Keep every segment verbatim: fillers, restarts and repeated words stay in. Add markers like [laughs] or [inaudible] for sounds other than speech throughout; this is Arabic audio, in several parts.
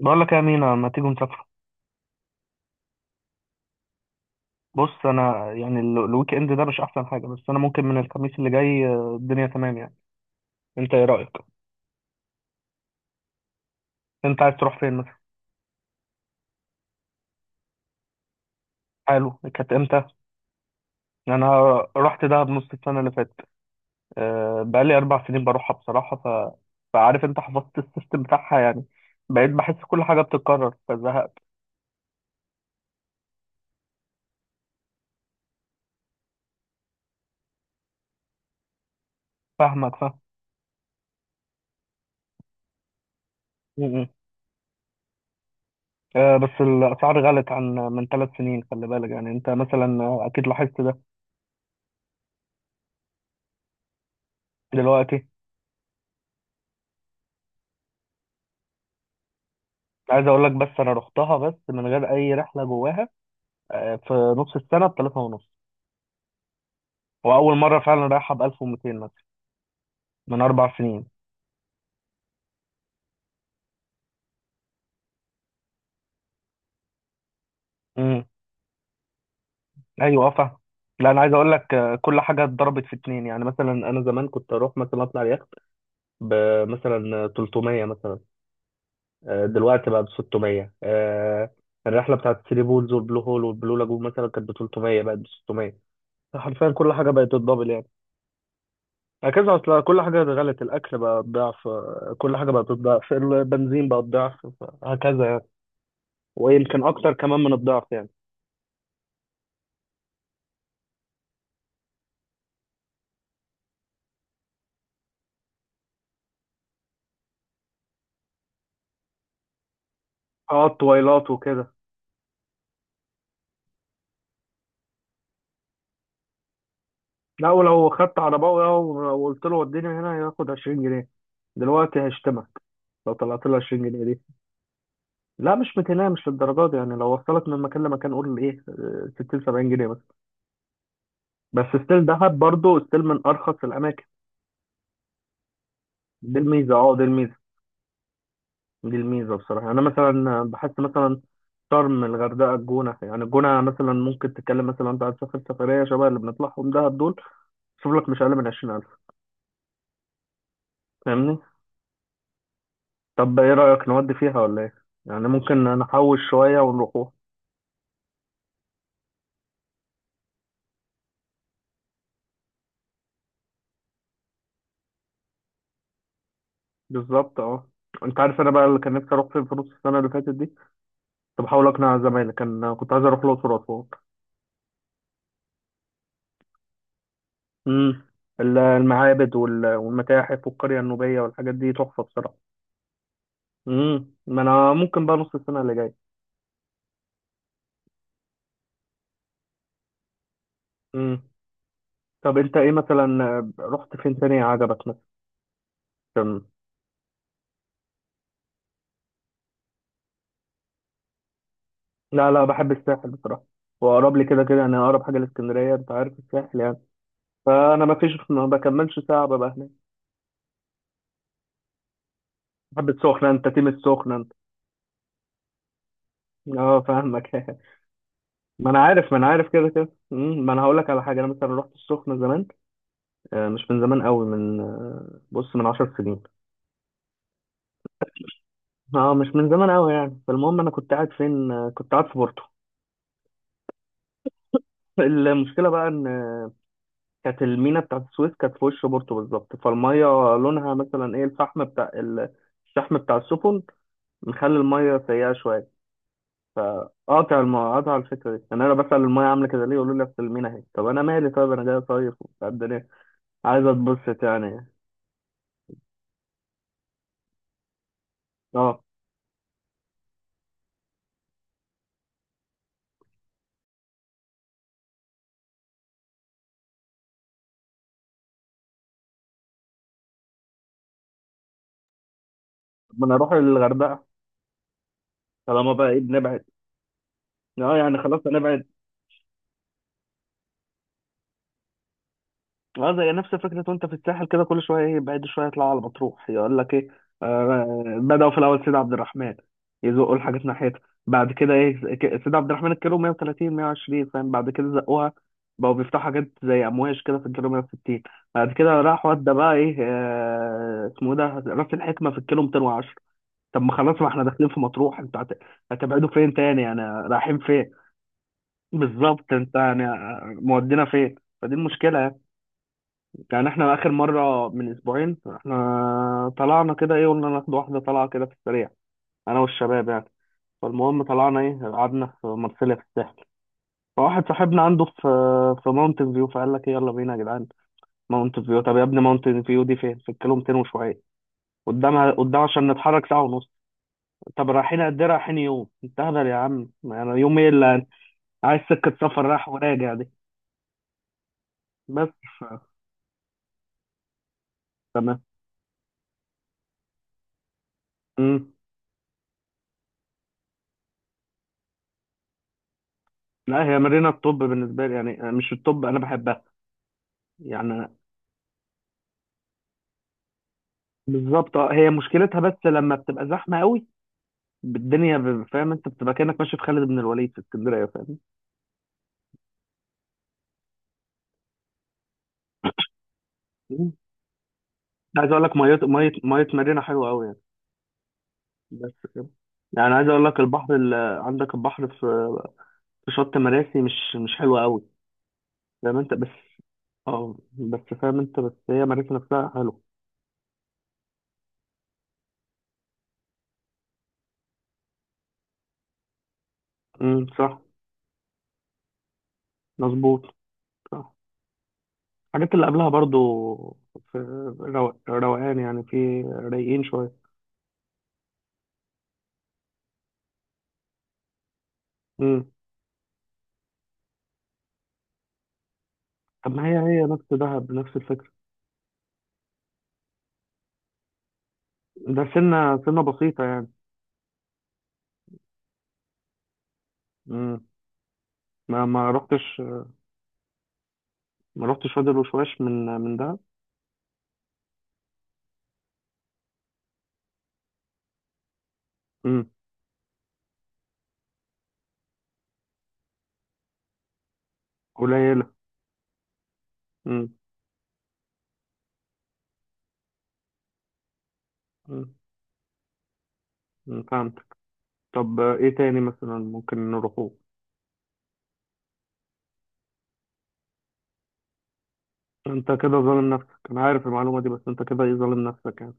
بقول لك يا مينا ما تيجوا نسافر. بص، انا يعني ال- الويك اند ده مش احسن حاجه، بس انا ممكن من الخميس اللي جاي. آه، الدنيا تمام يعني. انت ايه رايك؟ انت عايز تروح فين مثلا؟ حلو، كانت امتى؟ انا رحت دهب نص السنه اللي فاتت. آه، بقالي اربع سنين بروحها بصراحه ف... فعارف انت، حفظت السيستم بتاعها يعني. بقيت بحس كل حاجه بتتكرر فزهقت. فاهمك فاهم. م- م. آه، بس الاسعار غلت عن من ثلاث سنين، خلي بالك يعني. انت مثلا آه، اكيد لاحظت ده دلوقتي. عايز اقول لك، بس انا رحتها بس من غير اي رحله جواها آه، في نص السنه بثلاثة ونص، واول مره فعلا رايحه ب ألف ومياتين مثلا من اربع سنين. امم، ايوه آه، فاهم. لا انا عايز اقول لك آه، كل حاجه اتضربت في اتنين. يعني مثلا انا زمان كنت اروح مثلا اطلع اليخت بمثلا ثلاثمية مثلا، آه، دلوقتي بقى ب ستمية. آه، الرحله بتاعت الثري بولز والبلو هول والبلو لاجون مثلا كانت ب ثلاثمية بقت ب ستمية. حرفيا كل حاجه بقت تتضبل، هكذا. اصل كل حاجة غلت، الأكل بقى بضعف، كل حاجة بقت بضعف، البنزين بقى بضعف، هكذا يعني، ويمكن أكتر كمان من الضعف يعني. اه التويلات وكده. لا ولو خدت عرباوي أهو وقلت له وديني هنا، ياخد عشرين جنيه. دلوقتي هيشتمك لو طلعت له عشرين جنيه دي. لا مش ميتين، مش للدرجة دي يعني. لو وصلك من مكان لمكان قول ايه آه، ستين سبعين جنيه بس. بس ستيل دهب برضه ستيل من أرخص الأماكن. دي الميزة، اه دي الميزة، دي الميزة بصراحة. أنا مثلا بحس مثلا شرم، الغردقة، الجونة، يعني الجونة مثلا ممكن تتكلم مثلا، أنت هتسافر سفرية شبه اللي بنطلعهم دهب دول، شوف لك مش أقل من عشرين ألف. فاهمني؟ طب إيه رأيك نودي فيها ولا إيه؟ يعني ممكن نحوش شوية ونروحوها. بالظبط أه. أنت عارف أنا بقى اللي كان نفسي أروح فين في نص السنة اللي فاتت دي؟ كنت بحاول أقنع زمايلي، كان كنت عايز أروح الأقصر وأسوان. أمم، ال- المعابد وال- والمتاحف والقرية النوبية والحاجات دي تحفة بصراحة. أمم، ما أنا ممكن بقى نص السنة اللي جاية. امم. طب انت ايه مثلا، رحت فين تاني عجبك مثلا؟ لا لا بحب الساحل بصراحه، واقرب لي كده كده. انا اقرب حاجه لاسكندريه، انت عارف، الساحل يعني. فانا ما فيش ما بكملش ساعه ببقى هناك. بحب السخنه، انت تيم السخنه انت. اه فاهمك [laughs] ما انا عارف ما انا عارف كده كده، مم، ما انا هقول لك على حاجه. انا مثلا رحت السخنه زمان، آه، مش من زمان قوي، من آه، بص من 10 سنين. اه مش من زمان قوي يعني. فالمهم انا كنت قاعد فين، آه، كنت قاعد في بورتو. [laughs] المشكله بقى ان كانت المينا بتاعت السويس كانت في وش بورتو بالظبط، فالميه لونها مثلا ايه، الفحم بتاع ال- الشحم بتاع السفن، مخلي الميه سيئه شويه. فقاطع الم... قاطع الفكره دي يعني. انا بسال الميه عامله كده ليه، يقولوا لي اصل المينا اهي. طب انا مالي؟ طيب انا جاي صيف وبتاع الدنيا، عايز اتبسط يعني. اه طب ما انا اروح للغردقه طالما بقى ايه بنبعد. اه يعني خلاص هنبعد. اه زي نفس فكرة وانت في الساحل كده، كل شوية ايه، بعد شوية يطلعوا على مطروح يقول لك ايه. آه، بدأوا في الأول سيد عبد الرحمن، يزقوا الحاجات ناحيتها. بعد كده ايه، ك- سيد عبد الرحمن الكيلو مائة وثلاثين مائة وعشرين فاهم. بعد كده زقوها، بقوا بيفتحوا حاجات زي أمواج كده في الكيلو مية وستين. بعد كده راح ودى بقى ايه، آه اسمه إيه ده، راس الحكمة في الكيلو ميتين وعشرة. طب ما خلاص ما احنا داخلين في مطروح، انت هت- هتبعدوا فين تاني يعني، رايحين فين؟ بالظبط. انت يعني آه، مودينا فين؟ فدي المشكلة يعني. يعني احنا اخر مره من اسبوعين احنا طلعنا كده ايه، قلنا ناخد واحده طلعه كده في السريع، انا والشباب يعني. فالمهم طلعنا ايه، قعدنا في مرسيليا في الساحل. فواحد صاحبنا عنده في في ماونتن فيو، فقال لك ايه يلا بينا يا جدعان. ماونتن فيو؟ طب يا ابني ماونتن فيو دي فين، في الكيلو ميتين وشويه قدامها قدام. عشان نتحرك ساعه ونص. طب رايحين قد ايه، رايحين يوم، انت هبل يا عم يعني؟ يوم ايه اللي عايز سكه سفر رايح وراجع دي؟ بس ف- تمام. مم. لا هي مارينا الطب بالنسبه لي، يعني مش الطب، انا بحبها يعني. بالظبط، آه، هي مشكلتها بس لما بتبقى زحمه قوي. الدنيا ب- فاهم انت، بتبقى كانك ماشي في خالد بن الوليد في اسكندريه، فاهم؟ مم. عايز اقول لك، ميه ميه ميه، مارينا حلوه قوي يعني. بس كده. يعني عايز اقول لك البحر اللي عندك، البحر في في شط مراسي مش مش حلو قوي. فاهم انت؟ بس اه، بس فاهم انت، بس هي مراسي نفسها حلو. امم، صح، مظبوط، صح. الحاجات اللي قبلها برضو في رو- روقان يعني، في رايقين شويه. امم. طب ما هي هي نفس دهب، نفس الفكره. ده سنة سنة بسيطة يعني. مم. ما ما رحتش، ما رحتش وادي الوشواش من من ده. مم. قليلة. مم. مم. مم، فهمتك. طب آه، ايه تاني مثلا ممكن نروحوه؟ انت كده ظالم نفسك، انا عارف المعلومة دي، بس انت كده ايه، ظالم نفسك يعني.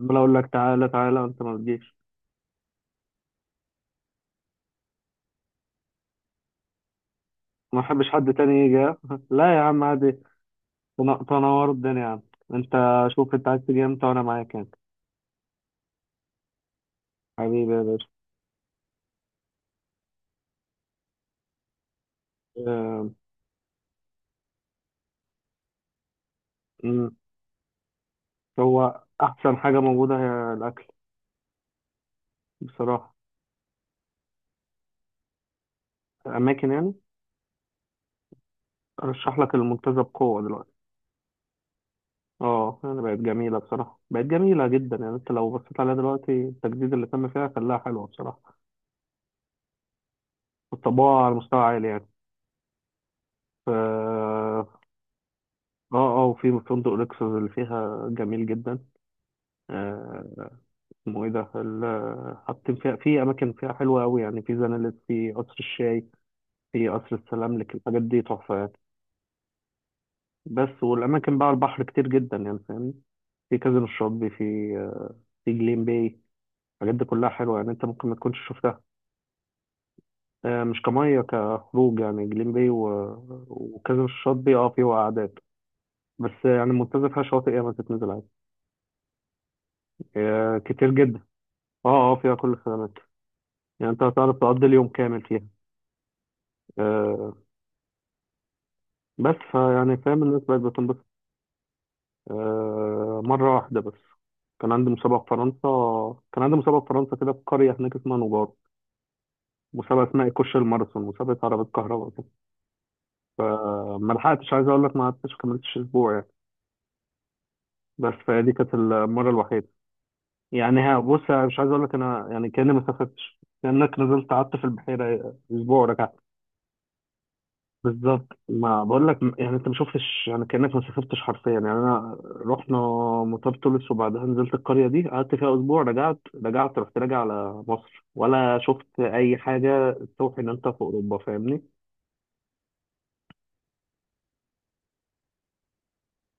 عمال اقول لك تعالى تعالى، انت ما بتجيش. ما احبش حد تاني يجي ها؟ [laughs] لا يا عم عادي. تن- تنور الدنيا يا عم انت. شوف انت عايز تيجي امتى وانا معاك يعني. حبيبي يا باشا. آه، مم. هو احسن حاجة موجودة هي الاكل بصراحة. اماكن يعني. ارشح لك المنتزه بقوه دلوقتي. اه يعني بقت جميله بصراحه، بقت جميله جدا يعني. انت لو بصيت عليها دلوقتي، التجديد اللي تم فيها خلاها حلوه بصراحه، والطباعه على مستوى عالي يعني. ف- اه، اه. آه، وفي فندق لوكسوس اللي فيها جميل جدا. آه، اسمه ايه ده، ال- حاطين فيها، في اماكن فيها حلوه قوي يعني، في زنالت، في قصر الشاي، في قصر السلاملك، الحاجات دي تحفه يعني. بس والاماكن بقى على البحر كتير جدا يعني، فاهمني. في كازينو الشاطبي، في آه، في جليم باي، الحاجات دي كلها حلوة يعني، انت ممكن ما تكونش شفتها. آه، مش كمية كخروج يعني، جليم باي و... وكذا من الشاطئ دي اه، فيه قعدات بس يعني. المنتزه فيها شواطئ ياما، تتنزل عادي. آه، كتير جدا، اه اه، فيها كل الخدمات. يعني انت هتعرف تقضي اليوم كامل فيها. آه، بس فيعني فاهم، الناس بقت بتنبسط. آه، مرة واحدة بس. كان عندي مسابقة في فرنسا كان عندي مسابقة في فرنسا كده في قرية هناك اسمها نجار، مسابقة اسمها إيكوش الماراثون، مسابقة عربية كهرباء كده. فما لحقتش، عايز أقول لك ما قعدتش، كملتش أسبوع بس. فدي كانت المرة الوحيدة. يعني ها بص، أنا مش عايز أقول لك، أنا يعني كأني ما سافرتش، كأنك نزلت قعدت في البحيرة أسبوع ورجعت. بالظبط، ما بقول لك يعني أنت ما شفتش، يعني كأنك ما سافرتش حرفيا يعني. أنا رحنا مطار تونس، وبعدها نزلت القرية دي، قعدت فيها أسبوع، رجعت. رجعت رحت راجع على مصر، ولا شفت أي حاجة توحي إن أنت في أوروبا، فاهمني؟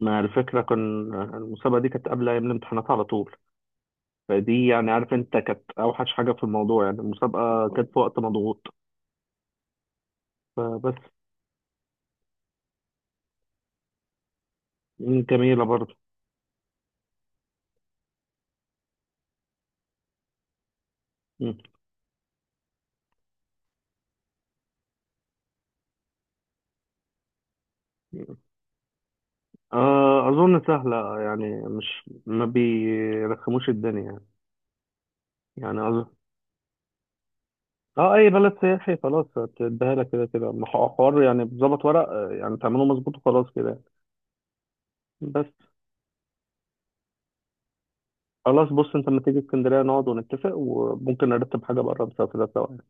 ما الفكرة، كان المسابقة دي كانت قبل أيام الامتحانات على طول. فدي يعني، عارف انت، كانت اوحش حاجه في الموضوع يعني، المسابقه كانت في وقت مضغوط فبس. مم، جميلة برضه. مم. آه، أظن سهلة يعني، مش ما بيرخموش الدنيا يعني. يعني أظن، اه، اي بلد سياحي خلاص هتديها لك كده كده. ما هو حوار يعني، بظبط ورق آه، يعني تعمله مظبوط وخلاص كده. بس خلاص، بص انت لما تيجي اسكندريه نقعد ونتفق، وممكن نرتب حاجه بره نسافرها سوا يعني.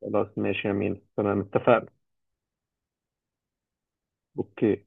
خلاص ماشي يا مين، تمام، اتفقنا. اوكي